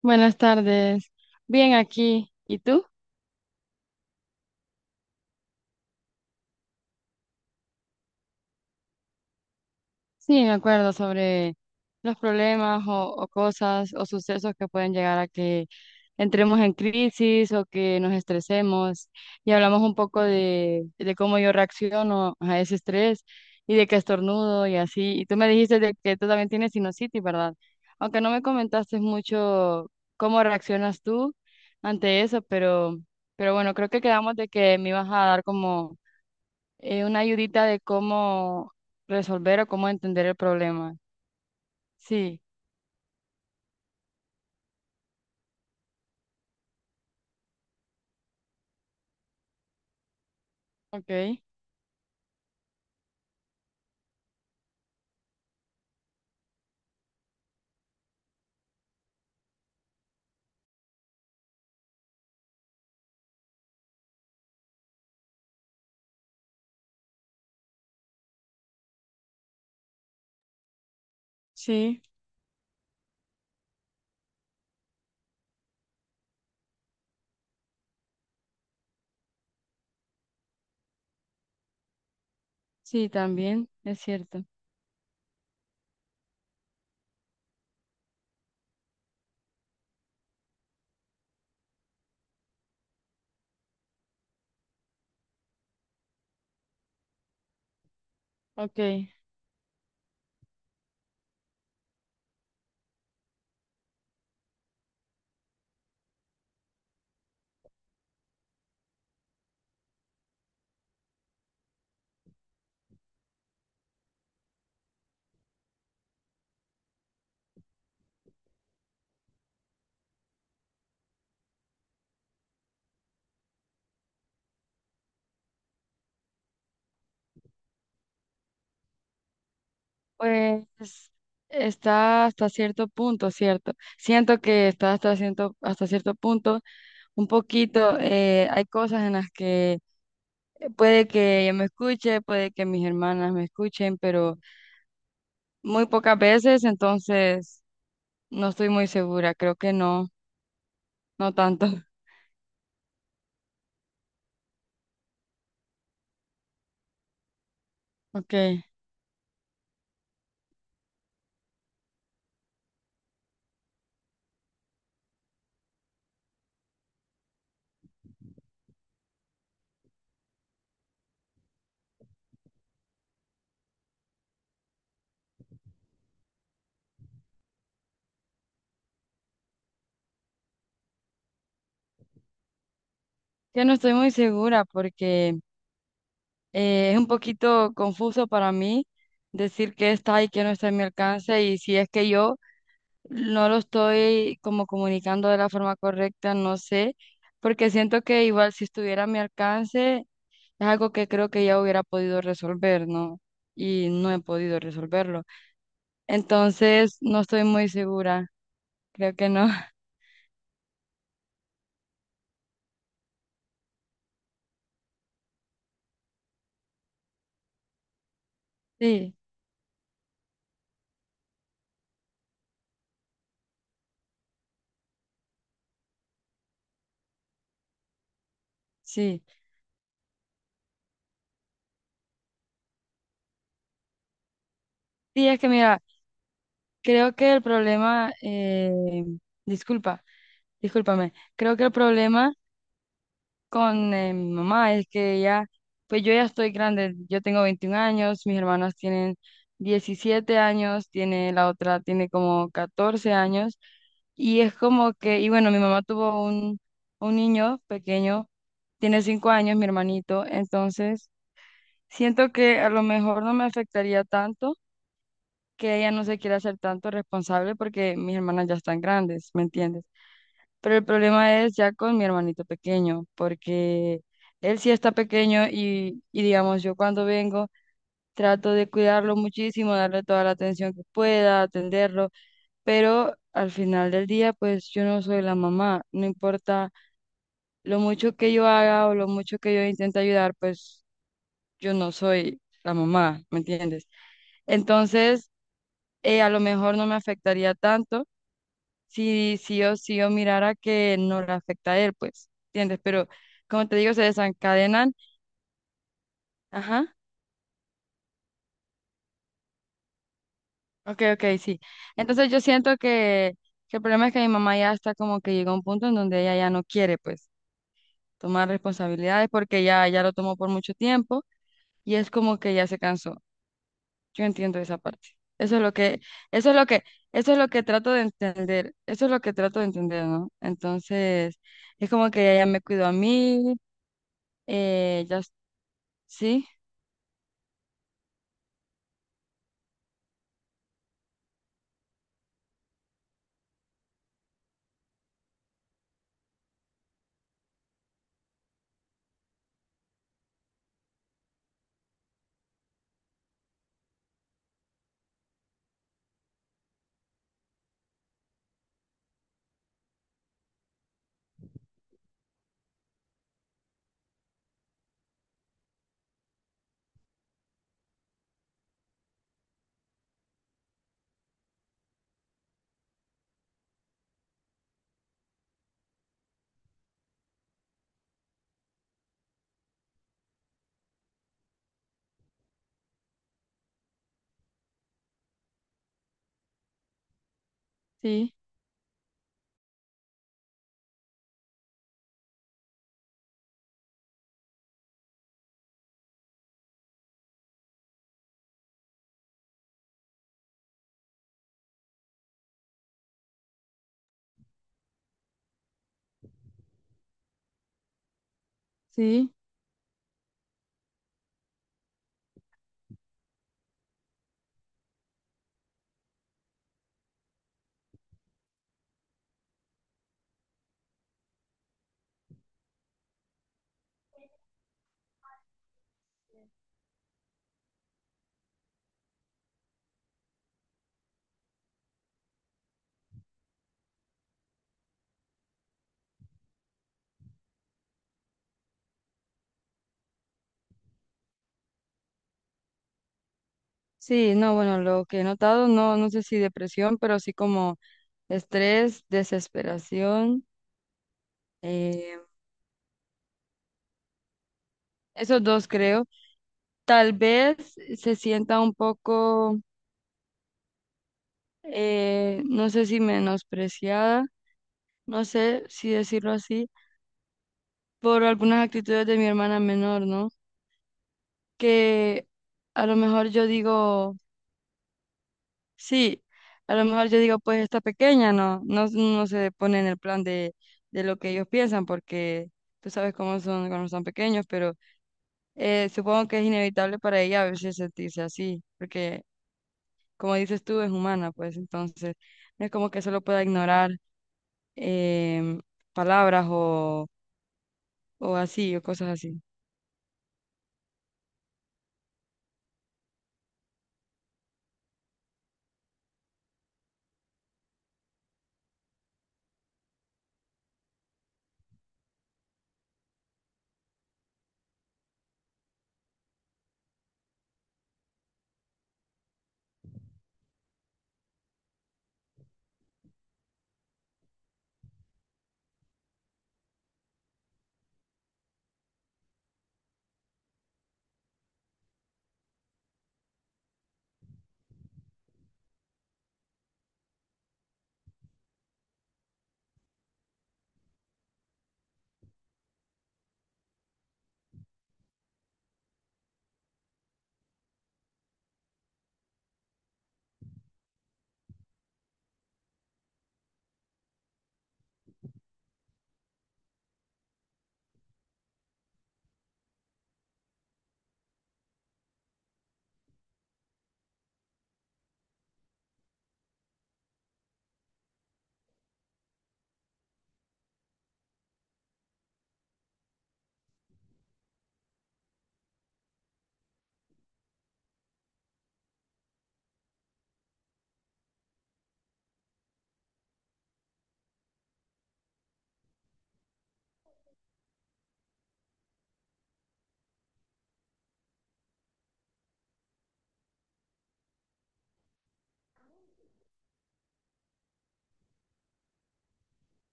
Buenas tardes. Bien aquí. ¿Y tú? Sí, me acuerdo sobre los problemas o cosas o sucesos que pueden llegar a que entremos en crisis o que nos estresemos. Y hablamos un poco de cómo yo reacciono a ese estrés y de que estornudo y así. Y tú me dijiste de que tú también tienes sinusitis, ¿verdad? Aunque no me comentaste mucho cómo reaccionas tú ante eso, pero bueno, creo que quedamos de que me ibas a dar como una ayudita de cómo resolver o cómo entender el problema. Sí, ok, sí, sí, también es cierto. Ok, pues está hasta cierto punto, ¿cierto? Siento que está hasta cierto punto, un poquito, hay cosas en las que puede que ella me escuche, puede que mis hermanas me escuchen, pero muy pocas veces, entonces no estoy muy segura, creo que no, no tanto. Ok. Yo no estoy muy segura porque es un poquito confuso para mí decir qué está y qué no está en mi alcance y si es que yo no lo estoy como comunicando de la forma correcta, no sé, porque siento que igual si estuviera a mi alcance es algo que creo que ya hubiera podido resolver, ¿no? Y no he podido resolverlo. Entonces, no estoy muy segura, creo que no. Sí, sí. Sí, es que mira, creo que el problema, disculpa. Discúlpame, creo que el problema con mi mamá es que ya, pues yo ya estoy grande, yo tengo 21 años, mis hermanas tienen 17 años, tiene la otra tiene como 14 años y es como que, y bueno, mi mamá tuvo un niño pequeño, tiene 5 años, mi hermanito, entonces siento que a lo mejor no me afectaría tanto que ella no se quiera hacer tanto responsable porque mis hermanas ya están grandes, ¿me entiendes? Pero el problema es ya con mi hermanito pequeño, porque él sí está pequeño y digamos, yo cuando vengo trato de cuidarlo muchísimo, darle toda la atención que pueda, atenderlo, pero al final del día, pues yo no soy la mamá, no importa lo mucho que yo haga o lo mucho que yo intente ayudar, pues yo no soy la mamá, ¿me entiendes? Entonces, a lo mejor no me afectaría tanto si sí o sí o mirara que no le afecta a él, pues, ¿entiendes? Pero como te digo, se desencadenan. Ajá, ok, ok, sí. Entonces yo siento que el problema es que mi mamá ya está como que llegó a un punto en donde ella ya no quiere, pues, tomar responsabilidades porque ya lo tomó por mucho tiempo y es como que ya se cansó. Yo entiendo esa parte. Eso es lo que, eso es lo que, eso es lo que trato de entender, eso es lo que trato de entender, ¿no? Entonces, es como que ella ya me cuidó a mí, eh, ya, s- sí. Sí, sí, sí, no, bueno, lo que he notado, no, no sé si depresión, pero sí como estrés, desesperación, eh, esos dos creo. Tal vez se sienta un poco, no sé si menospreciada, no sé si decirlo así, por algunas actitudes de mi hermana menor, ¿no? Que a lo mejor yo digo... Sí, a lo mejor yo digo, pues esta pequeña no se pone en el plan de lo que ellos piensan, porque tú sabes cómo son cuando son pequeños, pero supongo que es inevitable para ella a veces sentirse así, porque como dices tú, es humana, pues entonces no es como que solo pueda ignorar em, palabras o así, o cosas así.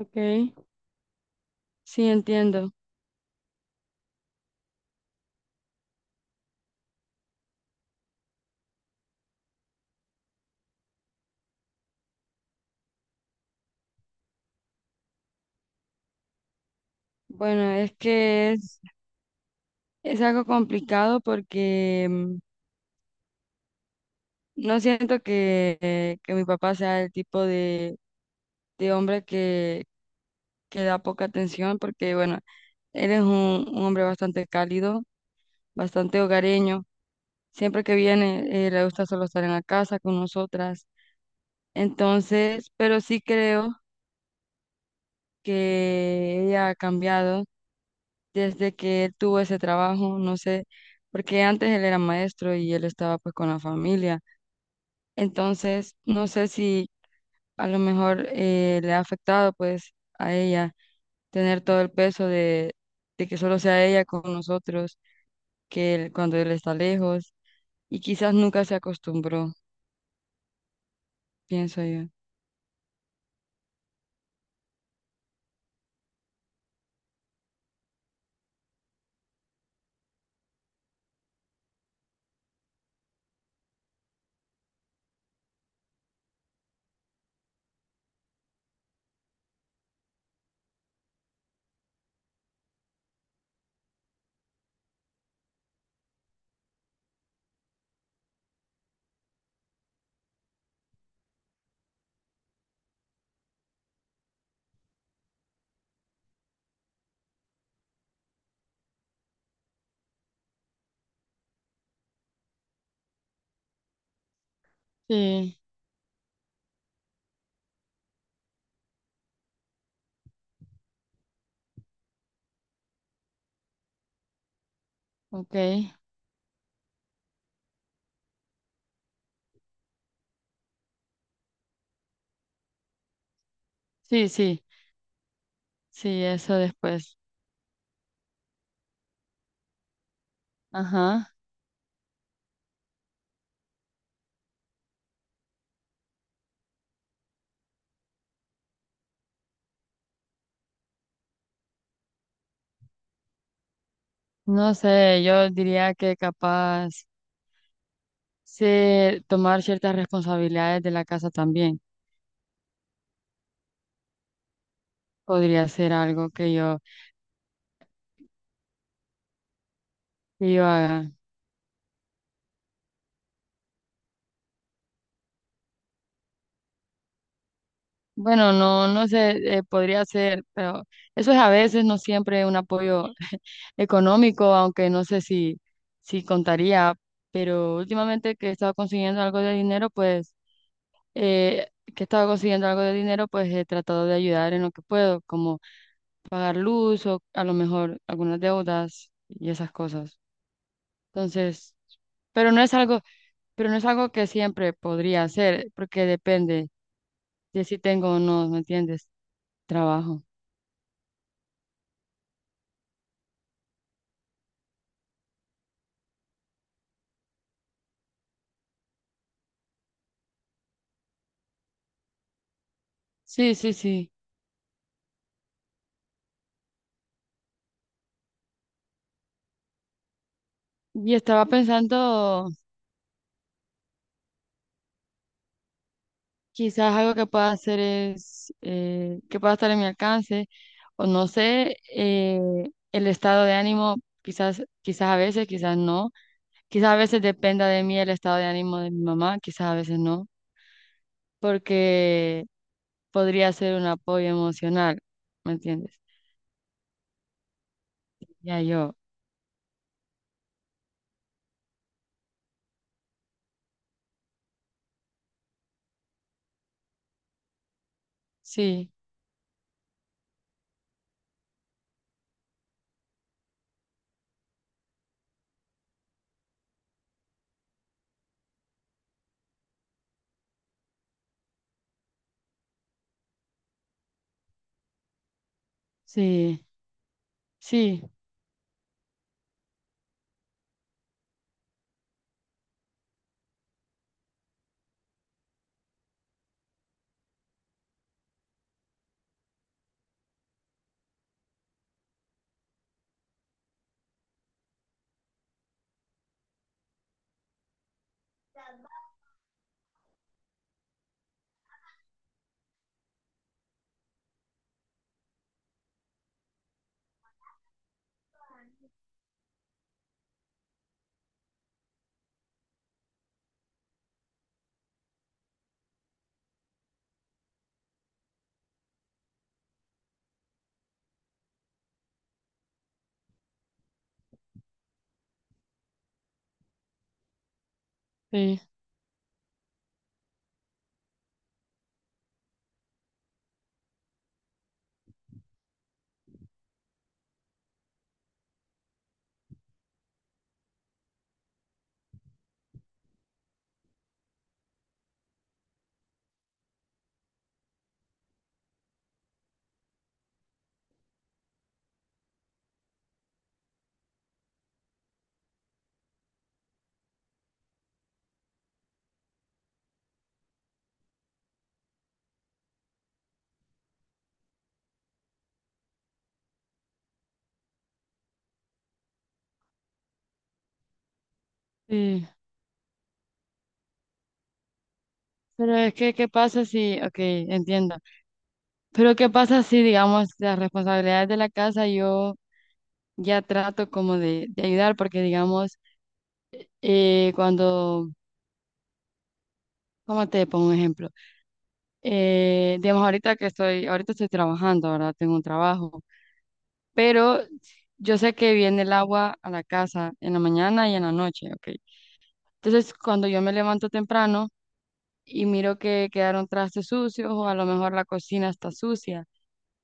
Okay, sí, entiendo. Bueno, es que es algo complicado porque no siento que mi papá sea el tipo de hombre que da poca atención, porque bueno, él es un hombre bastante cálido, bastante hogareño. Siempre que viene, le gusta solo estar en la casa con nosotras. Entonces, pero sí creo que ella ha cambiado desde que él tuvo ese trabajo, no sé, porque antes él era maestro y él estaba pues con la familia. Entonces, no sé si a lo mejor le ha afectado pues a ella tener todo el peso de que solo sea ella con nosotros, cuando él está lejos y quizás nunca se acostumbró, pienso yo. Sí, ok. Sí, sí, sí, eso después. Ajá. No sé, yo diría que capaz tomar ciertas responsabilidades de la casa también podría ser algo que yo haga. Bueno, no, no sé, podría ser, pero eso es a veces, no siempre un apoyo económico, aunque no sé si contaría, pero últimamente que he estado consiguiendo algo de dinero, pues, eh, que he estado consiguiendo algo de dinero, pues he tratado de ayudar en lo que puedo, como pagar luz o a lo mejor algunas deudas y esas cosas. Entonces, pero no es algo, pero no es algo que siempre podría hacer, porque depende de si tengo o no, ¿me entiendes? Trabajo. Sí, sí, sí. Y estaba pensando, quizás algo que pueda hacer es, que pueda estar en mi alcance, o no sé, el estado de ánimo, quizás, quizás a veces, quizás no, quizás a veces dependa de mí el estado de ánimo de mi mamá, quizás a veces no, porque podría ser un apoyo emocional, ¿me entiendes? Ya yo, sí, sí, sí, sí, sí. Pero es que, ¿qué pasa si, ok, entiendo. Pero ¿qué pasa si, digamos, las responsabilidades de la casa yo ya trato como de ayudar? Porque, digamos, eh, cuando, ¿cómo te pongo un ejemplo? Digamos, ahorita estoy trabajando, ¿verdad? Tengo un trabajo, pero yo sé que viene el agua a la casa en la mañana y en la noche, ¿ok? Entonces, cuando yo me levanto temprano y miro que quedaron trastes sucios o a lo mejor la cocina está sucia,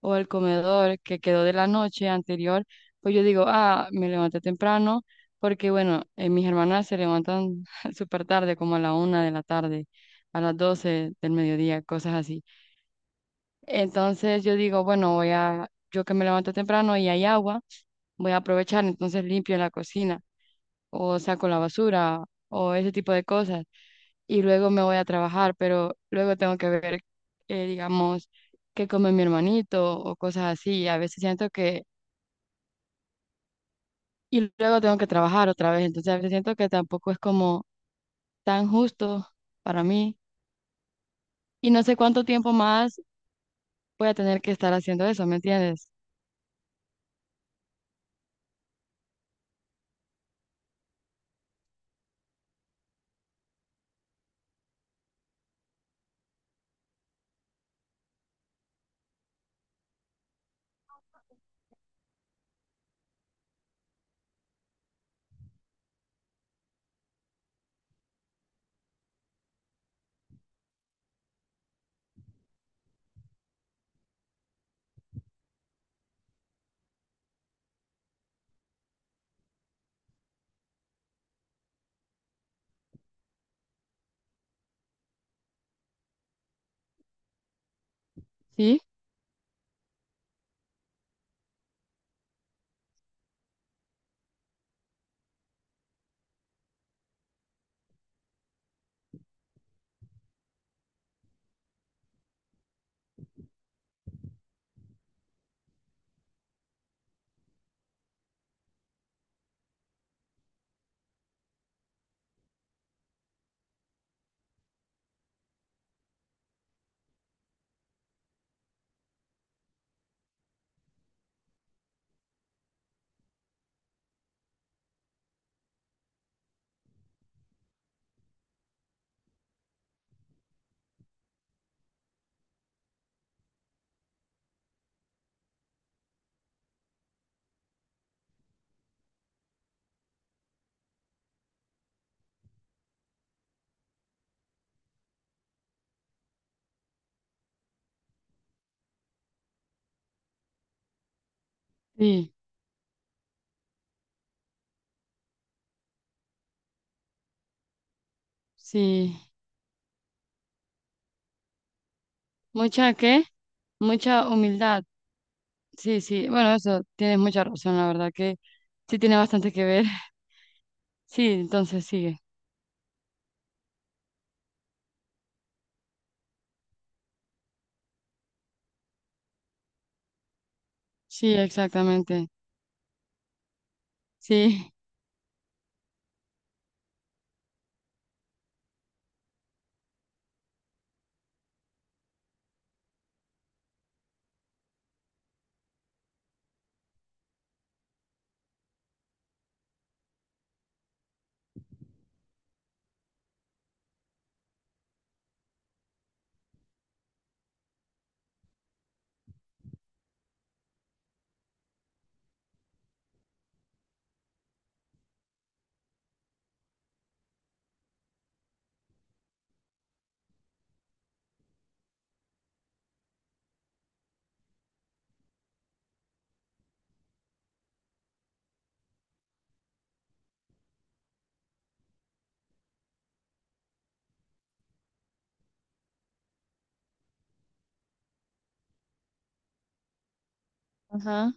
o el comedor que quedó de la noche anterior, pues yo digo, ah, me levanté temprano, porque bueno, mis hermanas se levantan súper tarde, como a la 1 de la tarde, a las 12 del mediodía, cosas así. Entonces yo digo, bueno, voy a, yo que me levanto temprano y hay agua, voy a aprovechar, entonces limpio la cocina o saco la basura o ese tipo de cosas y luego me voy a trabajar, pero luego tengo que ver, digamos, qué come mi hermanito o cosas así. A veces siento que, y luego tengo que trabajar otra vez, entonces a veces siento que tampoco es como tan justo para mí y no sé cuánto tiempo más voy a tener que estar haciendo eso, ¿me entiendes? Sí, sí, sí. ¿Mucha qué? Mucha humildad. Sí, sí. Bueno, eso tienes mucha razón, la verdad que sí tiene bastante que ver. Sí, entonces sigue. Sí, exactamente. Sí, ajá.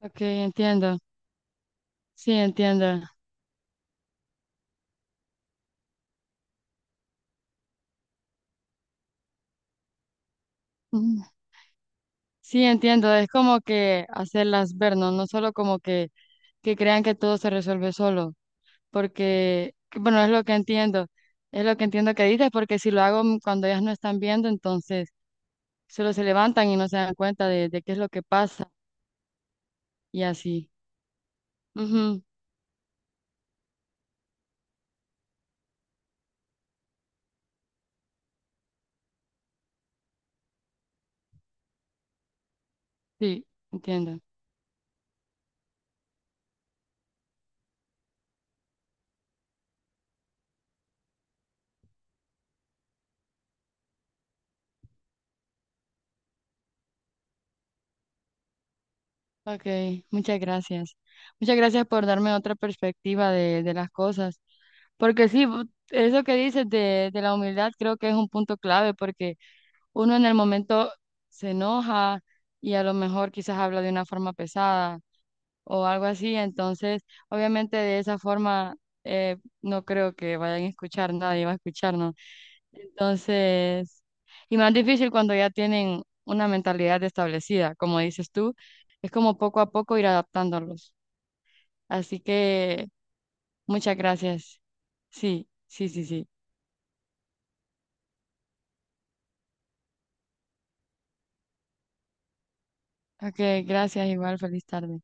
Ok, entiendo. Sí, entiendo. Mm, Sí, entiendo. Es como que hacerlas ver, ¿no? No solo como que crean que todo se resuelve solo. Porque, bueno, es lo que entiendo. Es lo que entiendo que dices, porque si lo hago cuando ellas no están viendo, entonces solo se levantan y no se dan cuenta de qué es lo que pasa y así. Ujú. Sí, entiendo. Ok, muchas gracias. Muchas gracias por darme otra perspectiva de las cosas. Porque sí, eso que dices de la humildad creo que es un punto clave porque uno en el momento se enoja y a lo mejor quizás habla de una forma pesada o algo así. Entonces, obviamente de esa forma eh, no creo que vayan a escuchar, nadie va a escucharnos. Entonces, y más difícil cuando ya tienen una mentalidad establecida, como dices tú, es como poco a poco ir adaptándolos. Así que muchas gracias. Sí, sí, sí, sí. Ok, gracias, igual, feliz tarde.